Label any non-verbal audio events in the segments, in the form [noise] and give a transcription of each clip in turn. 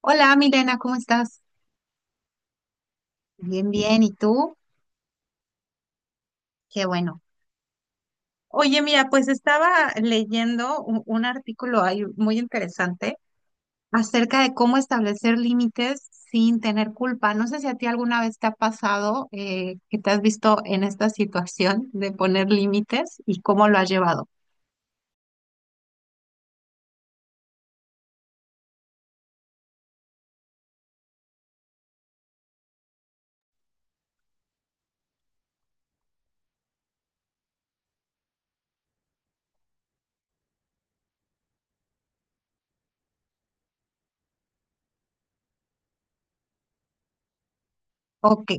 Hola, Milena, ¿cómo estás? Bien, bien. ¿Y tú? Qué bueno. Oye, mira, pues estaba leyendo un artículo ahí muy interesante acerca de cómo establecer límites sin tener culpa. No sé si a ti alguna vez te ha pasado que te has visto en esta situación de poner límites y cómo lo has llevado. Ok.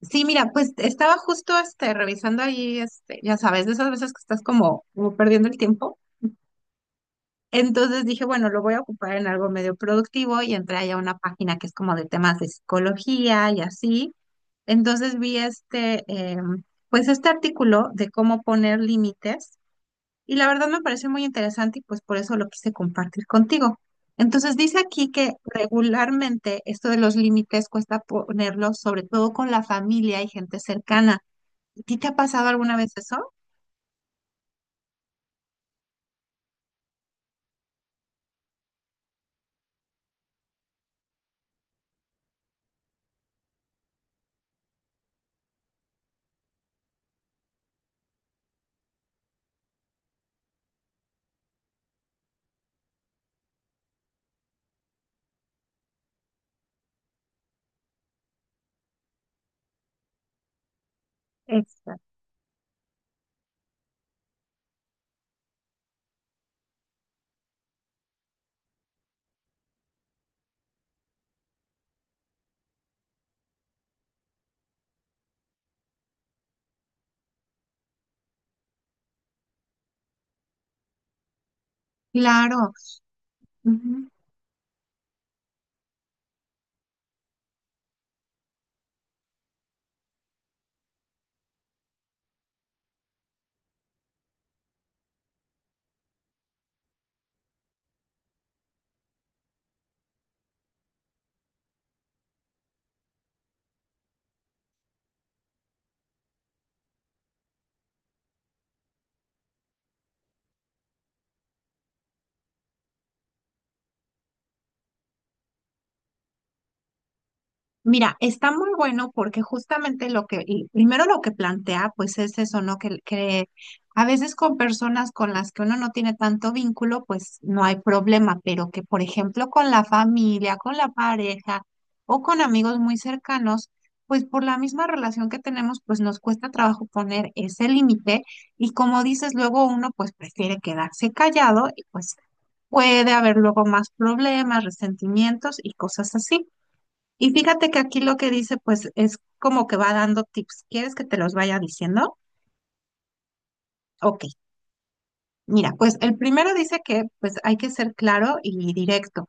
Sí, mira, pues estaba justo revisando ahí, ya sabes, de esas veces que estás como perdiendo el tiempo. Entonces dije, bueno, lo voy a ocupar en algo medio productivo y entré allá a una página que es como de temas de psicología y así. Entonces vi pues este artículo de cómo poner límites y la verdad me pareció muy interesante y pues por eso lo quise compartir contigo. Entonces dice aquí que regularmente esto de los límites cuesta ponerlos sobre todo con la familia y gente cercana. ¿A ti te ha pasado alguna vez eso? Exacto. Claro. Ujú. Mira, está muy bueno porque justamente lo que, y primero lo que plantea, pues es eso, ¿no? Que a veces con personas con las que uno no tiene tanto vínculo, pues no hay problema, pero que por ejemplo con la familia, con la pareja o con amigos muy cercanos, pues por la misma relación que tenemos, pues nos cuesta trabajo poner ese límite y como dices, luego uno pues prefiere quedarse callado y pues puede haber luego más problemas, resentimientos y cosas así. Y fíjate que aquí lo que dice, pues es como que va dando tips. ¿Quieres que te los vaya diciendo? Ok, mira, pues el primero dice que pues hay que ser claro y directo.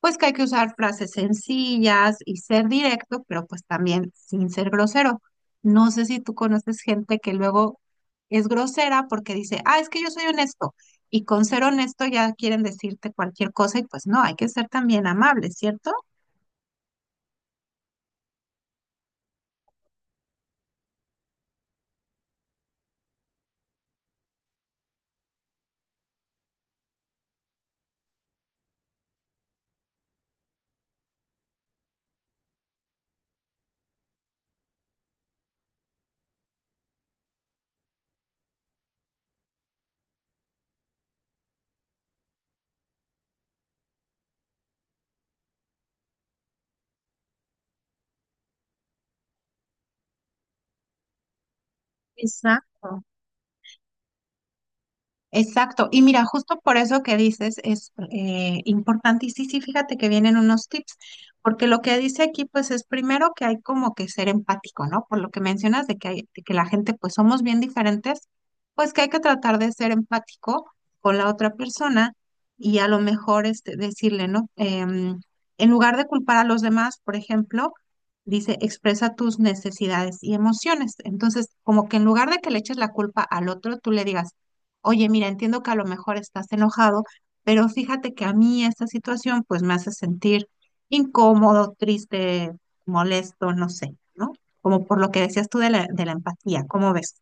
Pues que hay que usar frases sencillas y ser directo, pero pues también sin ser grosero. No sé si tú conoces gente que luego es grosera porque dice, ah, es que yo soy honesto. Y con ser honesto ya quieren decirte cualquier cosa y pues no, hay que ser también amable, ¿cierto? Exacto. Exacto. Y mira, justo por eso que dices es importante. Y sí, sí, fíjate que vienen unos tips, porque lo que dice aquí, pues es primero que hay como que ser empático, ¿no? Por lo que mencionas de que la gente, pues somos bien diferentes, pues que hay que tratar de ser empático con la otra persona y a lo mejor decirle, ¿no? En lugar de culpar a los demás, por ejemplo, dice, expresa tus necesidades y emociones. Entonces, como que en lugar de que le eches la culpa al otro, tú le digas, oye, mira, entiendo que a lo mejor estás enojado, pero fíjate que a mí esta situación pues me hace sentir incómodo, triste, molesto, no sé, ¿no? Como por lo que decías tú de de la empatía, ¿cómo ves?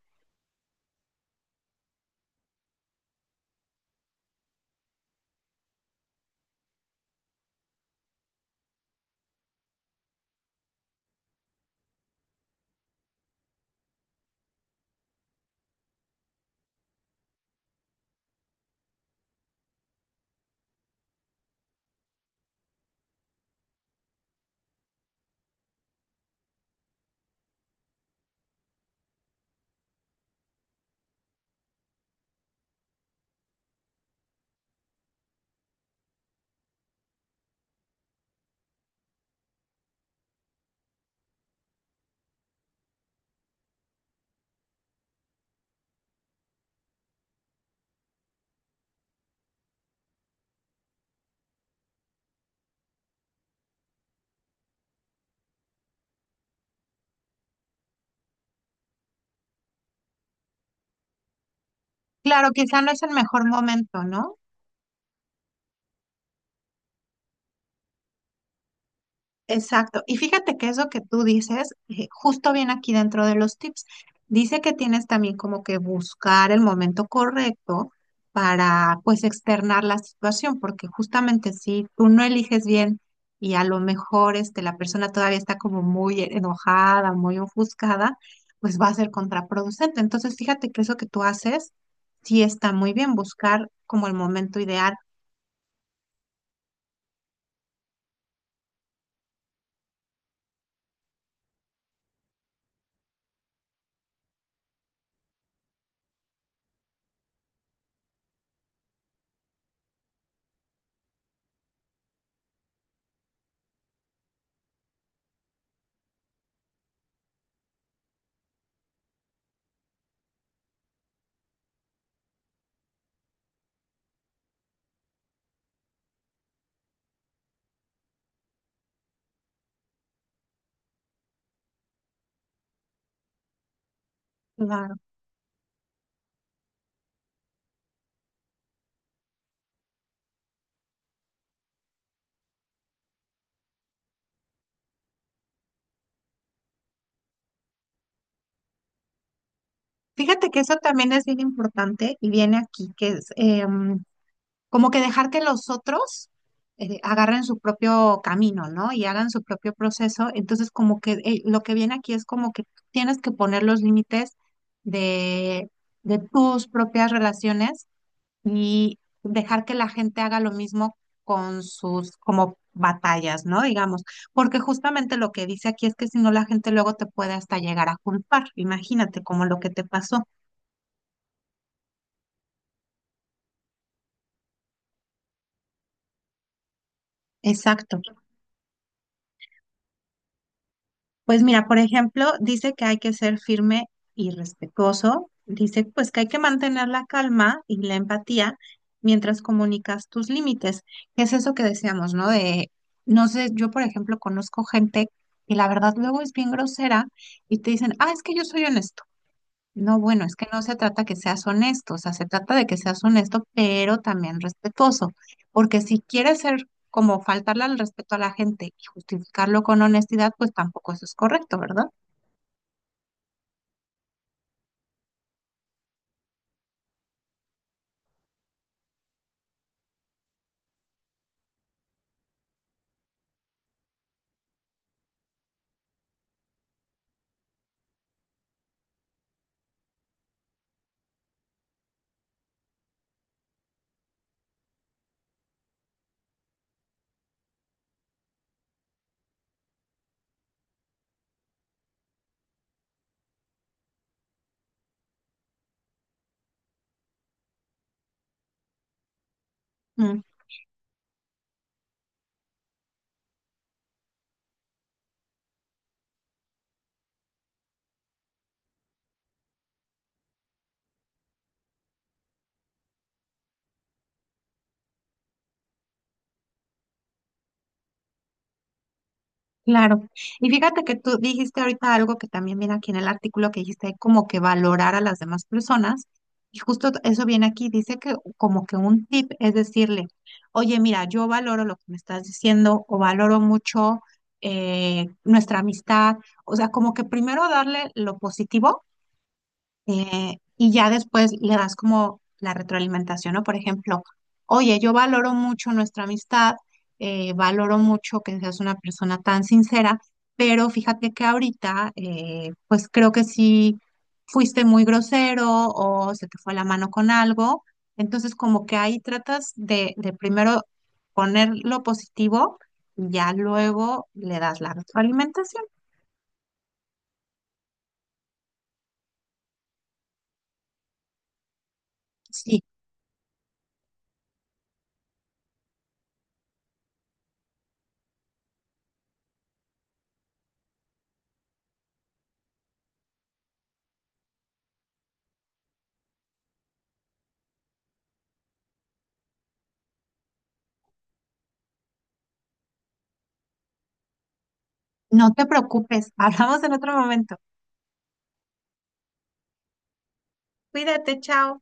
Claro, quizá no es el mejor momento, ¿no? Exacto. Y fíjate que eso que tú dices, justo viene aquí dentro de los tips. Dice que tienes también como que buscar el momento correcto para pues externar la situación, porque justamente si tú no eliges bien y a lo mejor la persona todavía está como muy enojada, muy ofuscada, pues va a ser contraproducente. Entonces, fíjate que eso que tú haces sí está muy bien, buscar como el momento ideal. Fíjate que eso también es bien importante y viene aquí, que es como que dejar que los otros agarren su propio camino, ¿no? Y hagan su propio proceso. Entonces, como que lo que viene aquí es como que tienes que poner los límites de, de tus propias relaciones y dejar que la gente haga lo mismo con sus como batallas, ¿no? Digamos, porque justamente lo que dice aquí es que si no la gente luego te puede hasta llegar a culpar, imagínate como lo que te pasó. Exacto. Pues mira, por ejemplo, dice que hay que ser firme y respetuoso. Dice pues que hay que mantener la calma y la empatía mientras comunicas tus límites. Es eso que decíamos, ¿no? De, no sé, yo por ejemplo conozco gente que la verdad luego es bien grosera y te dicen, ah, es que yo soy honesto. No, bueno, es que no se trata que seas honesto, o sea, se trata de que seas honesto, pero también respetuoso, porque si quieres ser como faltarle al respeto a la gente y justificarlo con honestidad, pues tampoco eso es correcto, ¿verdad? Claro. Y fíjate que tú dijiste ahorita algo que también viene aquí en el artículo que dijiste como que valorar a las demás personas. Y justo eso viene aquí, dice que como que un tip es decirle, oye, mira, yo valoro lo que me estás diciendo o valoro mucho nuestra amistad. O sea, como que primero darle lo positivo y ya después le das como la retroalimentación, ¿no? Por ejemplo, oye, yo valoro mucho nuestra amistad, valoro mucho que seas una persona tan sincera, pero fíjate que ahorita, pues creo que sí fuiste muy grosero o se te fue la mano con algo, entonces como que ahí tratas de primero poner lo positivo y ya luego le das la retroalimentación. Sí, no te preocupes, [laughs] hablamos en otro momento. Cuídate, chao.